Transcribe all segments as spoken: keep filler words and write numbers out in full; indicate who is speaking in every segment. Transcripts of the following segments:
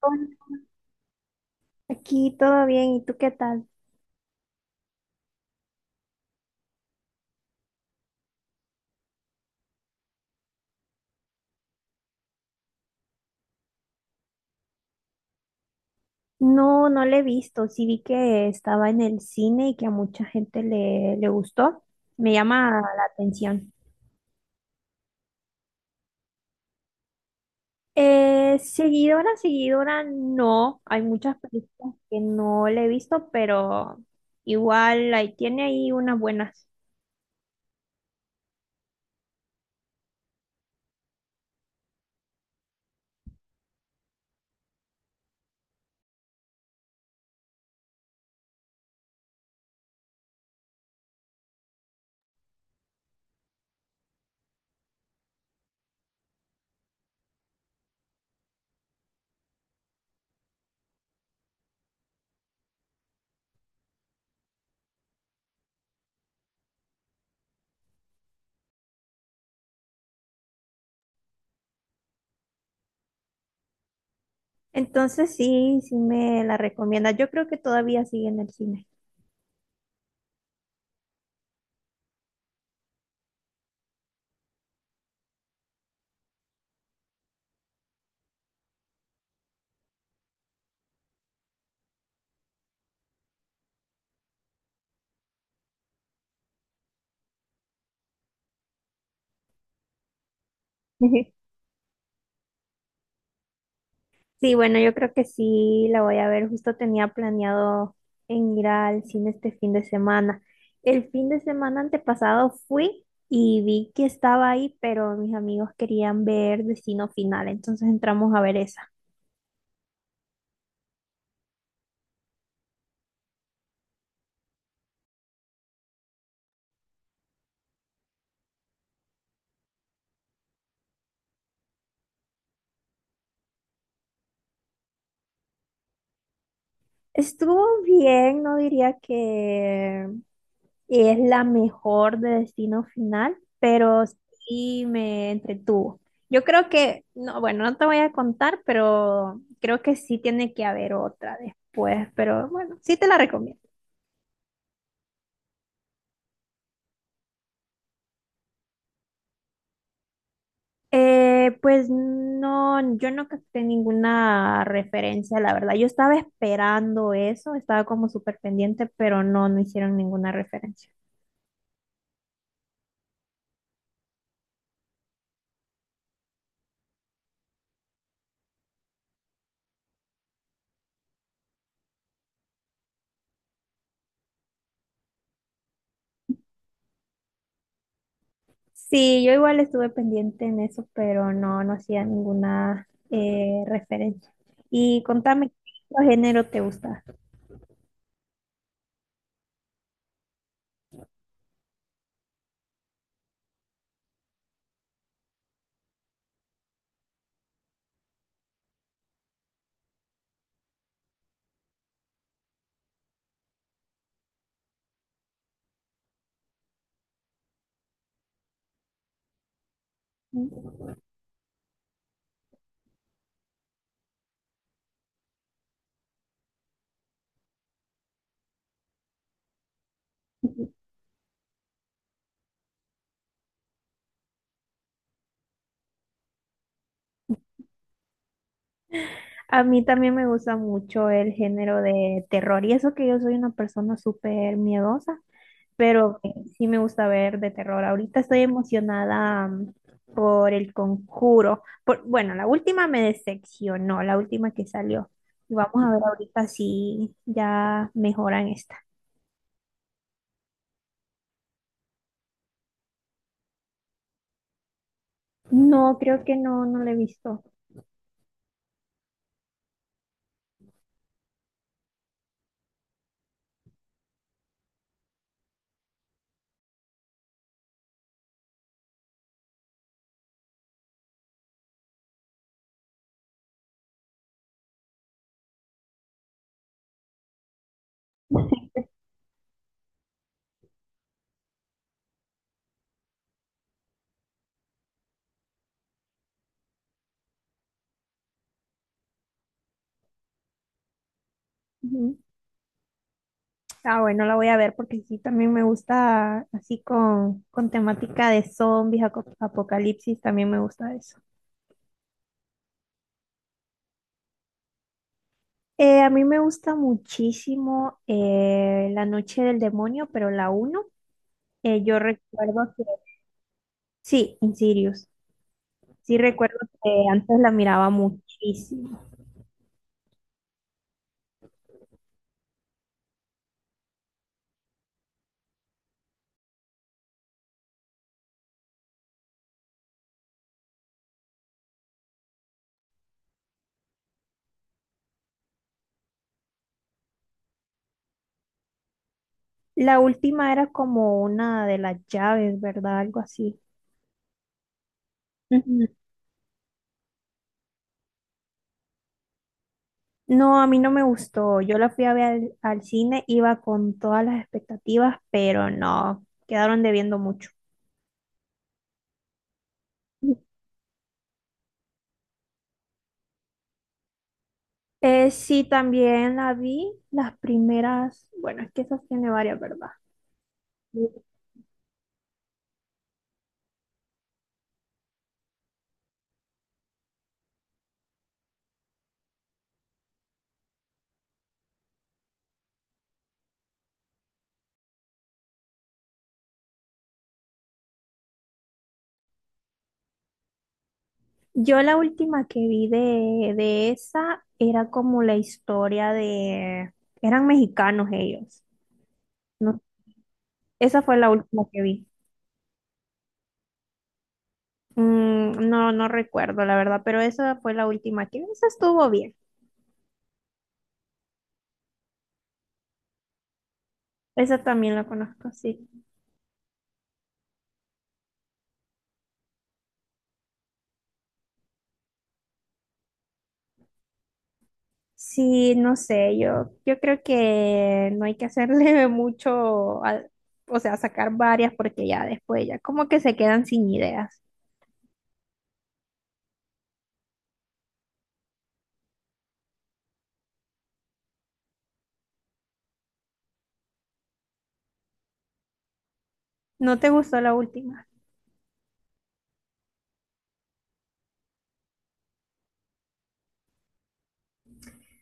Speaker 1: Hola, aquí todo bien, ¿y tú qué tal? No, no le he visto, sí vi que estaba en el cine y que a mucha gente le, le gustó, me llama la atención. Eh, seguidora, seguidora, no, hay muchas películas que no le he visto, pero igual ahí tiene ahí unas buenas. Entonces sí, sí me la recomienda, yo creo que todavía sigue en el cine. Ujú. Sí, bueno, yo creo que sí la voy a ver. Justo tenía planeado en ir al cine este fin de semana. El fin de semana antepasado fui y vi que estaba ahí, pero mis amigos querían ver Destino Final, entonces entramos a ver esa. Estuvo bien, no diría que es la mejor de Destino Final, pero sí me entretuvo. Yo creo que, no, bueno, no te voy a contar, pero creo que sí tiene que haber otra después, pero bueno, sí te la recomiendo. Eh, pues no, yo no capté ninguna referencia, la verdad. Yo estaba esperando eso, estaba como súper pendiente, pero no, no hicieron ninguna referencia. Sí, yo igual estuve pendiente en eso, pero no, no hacía ninguna eh, referencia. Y contame, ¿qué género te gusta? Ujú. A mí también me gusta mucho el género de terror, y eso que yo soy una persona súper miedosa, pero eh, sí me gusta ver de terror. Ahorita estoy emocionada mm, por El Conjuro. Por, bueno, la última me decepcionó, la última que salió. Y vamos a ver ahorita si ya mejoran esta. No, creo que no, no la he visto. Ujú. Ah, bueno, la voy a ver porque sí, también me gusta así con, con temática de zombies, aco- apocalipsis, también me gusta eso. Eh, a mí me gusta muchísimo eh, La Noche del Demonio, pero la uno eh, yo recuerdo que, sí, Insidious, sí recuerdo que antes la miraba muchísimo. La última era como una de las llaves, ¿verdad? Algo así. Ujú. No, a mí no me gustó. Yo la fui a ver al, al cine, iba con todas las expectativas, pero no, quedaron debiendo mucho. Eh, sí, también la vi las primeras, bueno, es que esas tiene varias, ¿verdad? Yo la última que vi de, de esa era como la historia de, eran mexicanos ellos, ¿no? Esa fue la última que vi. Mm, no, no recuerdo la verdad, pero esa fue la última que vi. Esa estuvo bien. Esa también la conozco, sí. Sí, no sé, yo, yo creo que no hay que hacerle mucho, al- o sea, sacar varias porque ya después ya como que se quedan sin ideas. ¿No te gustó la última?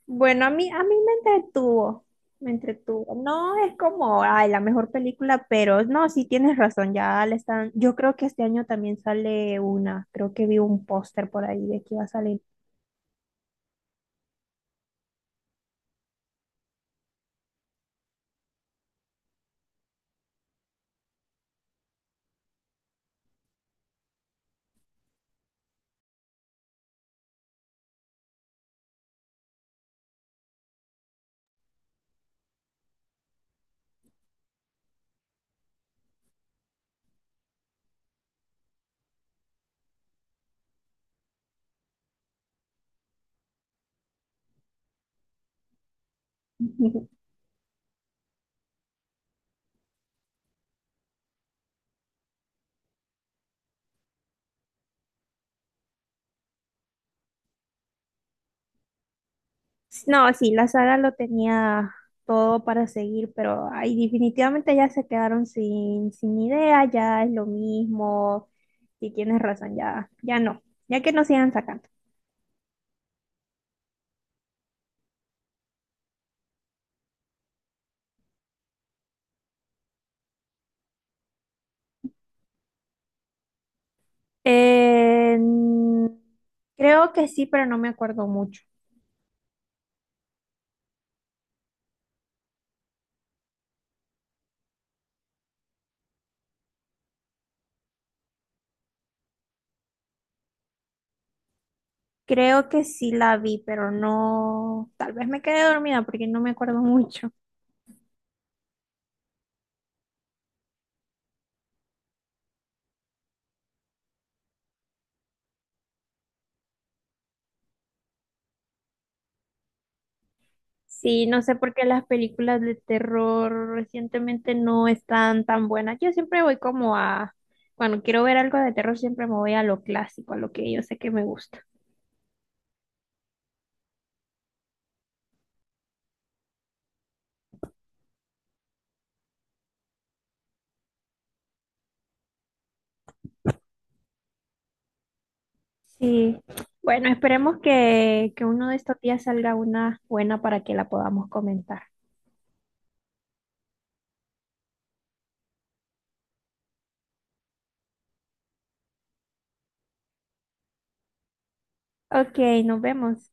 Speaker 1: Bueno, a mí, a mí me entretuvo, me entretuvo. No es como, ay, la mejor película, pero no, sí tienes razón, ya le están, yo creo que este año también sale una, creo que vi un póster por ahí de que iba a salir. No, sí, la saga lo tenía todo para seguir, pero ahí definitivamente ya se quedaron sin, sin idea, ya es lo mismo. Y tienes razón, ya, ya no, ya que no sigan sacando. Eh, mm, creo que sí, pero no me acuerdo mucho. Creo que sí la vi, pero no, tal vez me quedé dormida porque no me acuerdo mucho. Sí, no sé por qué las películas de terror recientemente no están tan buenas. Yo siempre voy como a, cuando quiero ver algo de terror, siempre me voy a lo clásico, a lo que yo sé que me gusta. Sí, bueno, esperemos que, que uno de estos días salga una buena para que la podamos comentar. Ok, nos vemos.